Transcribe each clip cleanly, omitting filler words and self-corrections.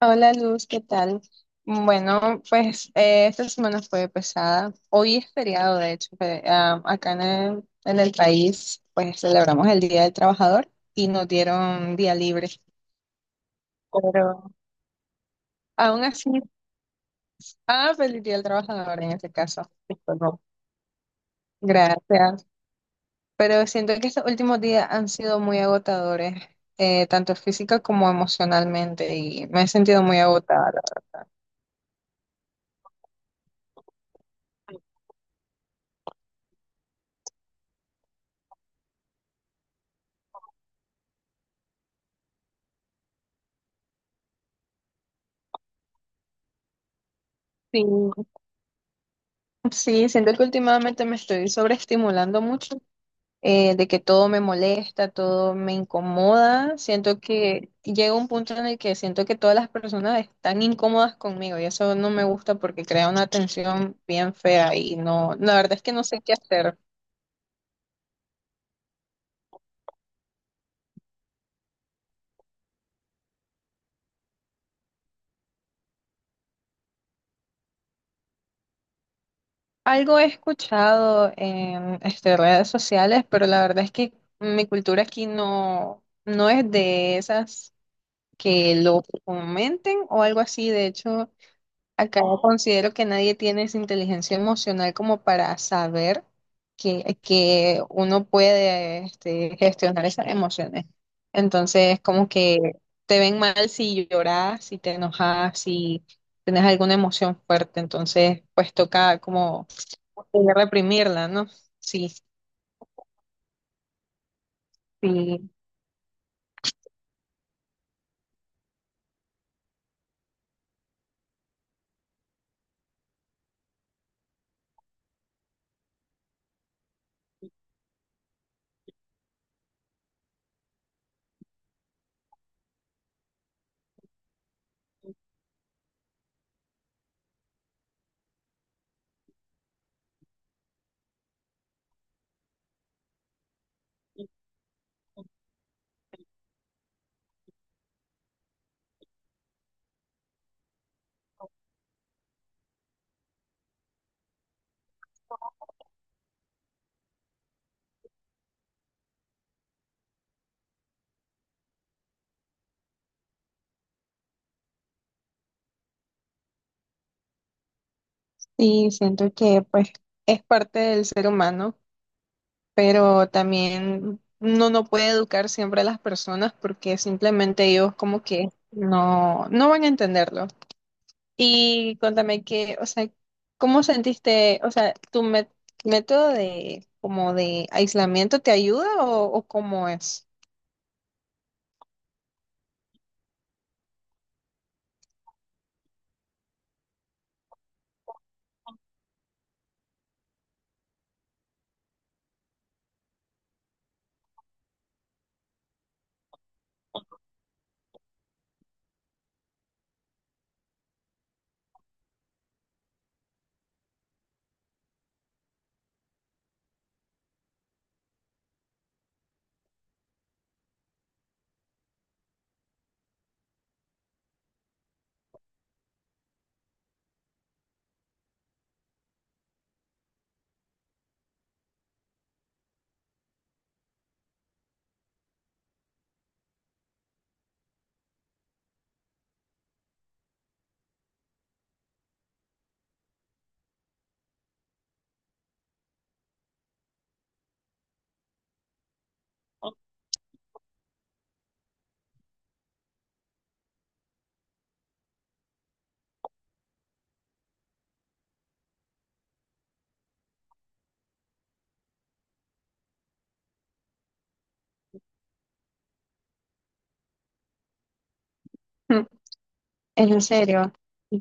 Hola Luz, ¿qué tal? Bueno, pues esta semana fue pesada. Hoy es feriado, de hecho, acá en el país, pues celebramos el Día del Trabajador y nos dieron día libre. Pero aún así, feliz Día del Trabajador en este caso. Disculpa. Gracias. Pero siento que estos últimos días han sido muy agotadores, tanto física como emocionalmente, y me he sentido muy agotada. Sí. Sí, siento que últimamente me estoy sobreestimulando mucho, de que todo me molesta, todo me incomoda. Siento que llega un punto en el que siento que todas las personas están incómodas conmigo y eso no me gusta porque crea una tensión bien fea y no, la verdad es que no sé qué hacer. Algo he escuchado en este, redes sociales, pero la verdad es que mi cultura aquí no, no es de esas que lo fomenten o algo así. De hecho, acá yo considero que nadie tiene esa inteligencia emocional como para saber que uno puede este, gestionar esas emociones. Entonces, como que te ven mal si lloras, si te enojas, si tienes alguna emoción fuerte. Entonces, pues toca como reprimirla, ¿no? Sí, sí, sí, siento que pues es parte del ser humano. Pero también uno no puede educar siempre a las personas porque simplemente ellos como que no, no van a entenderlo. Y cuéntame que, o sea, ¿cómo sentiste, o sea, método de como de aislamiento te ayuda o cómo es? En serio,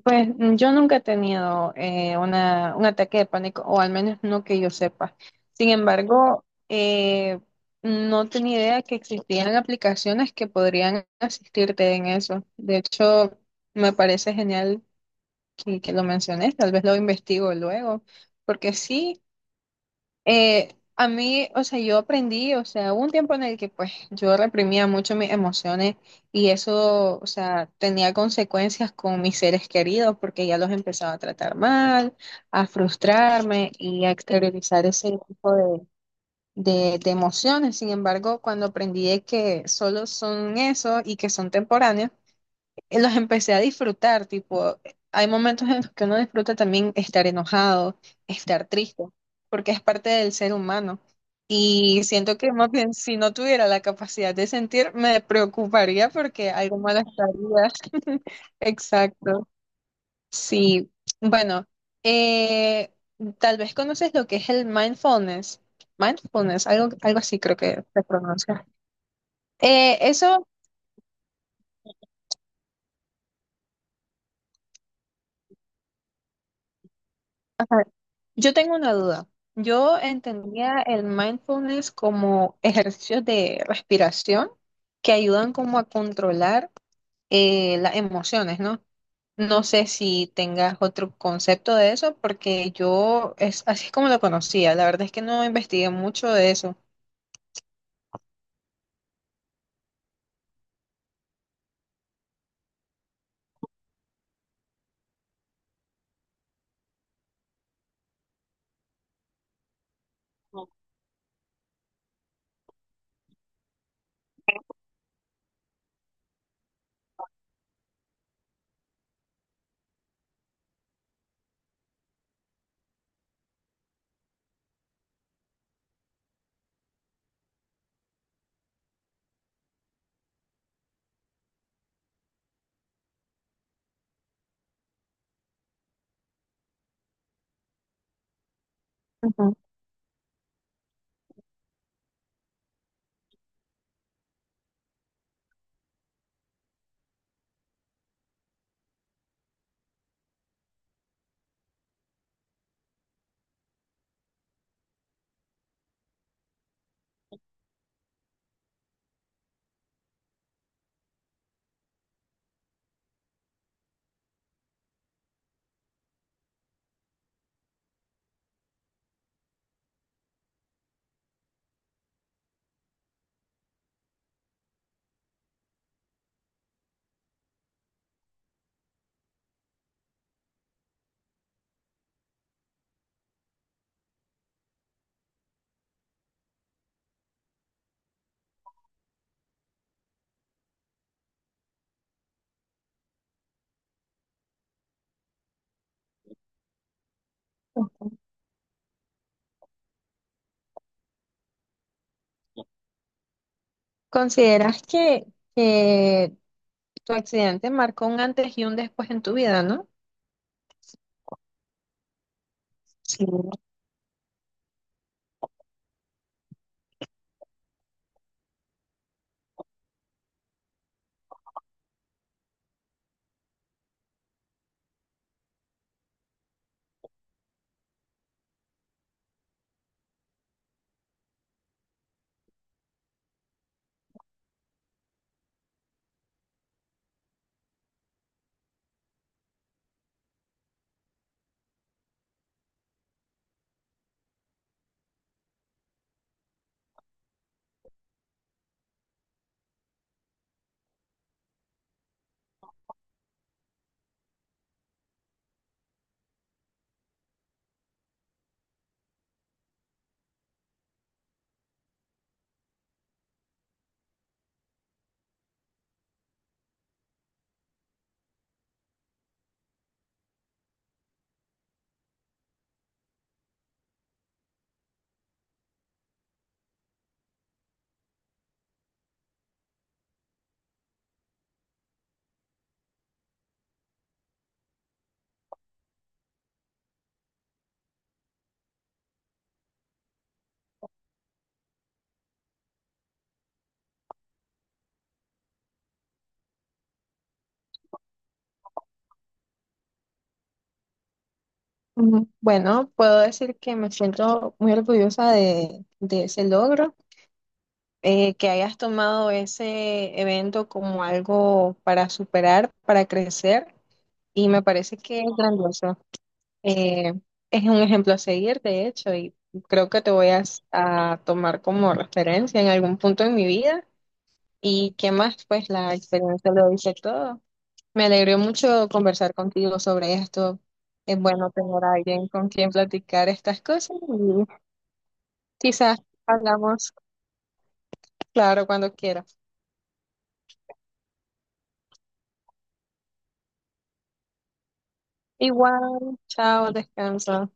pues mm, yo nunca he tenido un ataque de pánico, o al menos no que yo sepa. Sin embargo, eh, no tenía idea que existían aplicaciones que podrían asistirte en eso. De hecho, me parece genial que lo menciones, tal vez lo investigo luego, porque sí. Eh, a mí, o sea, yo aprendí, o sea, hubo un tiempo en el que pues yo reprimía mucho mis emociones y eso, o sea, tenía consecuencias con mis seres queridos porque ya los empezaba a tratar mal, a frustrarme y a exteriorizar ese tipo de emociones. Sin embargo, cuando aprendí de que solo son eso y que son temporáneos, los empecé a disfrutar, tipo, hay momentos en los que uno disfruta también estar enojado, estar triste, porque es parte del ser humano. Y siento que más bien si no tuviera la capacidad de sentir, me preocuparía porque algo mal estaría. Exacto. Sí. Bueno, eh, tal vez conoces lo que es el mindfulness. Mindfulness, algo, algo así creo que se pronuncia. Eh, eso, Yo tengo una duda. Yo entendía el mindfulness como ejercicios de respiración que ayudan como a controlar las emociones, ¿no? No sé si tengas otro concepto de eso, porque yo es así es como lo conocía. La verdad es que no investigué mucho de eso. Ujú. ¿Consideras que tu accidente marcó un antes y un después en tu vida, ¿no? Sí. Mm, bueno, puedo decir que me siento muy orgullosa de ese logro, que hayas tomado ese evento como algo para superar, para crecer, y me parece que es grandioso. Eh, es un ejemplo a seguir, de hecho, y creo que te voy a, a tomar como referencia en algún punto de mi vida. ¿Y qué más? Pues la experiencia lo dice todo. Me alegró mucho conversar contigo sobre esto. Es bueno tener a alguien con quien platicar estas cosas y quizás hablamos, claro, cuando quieras. Igual, chao, descansa.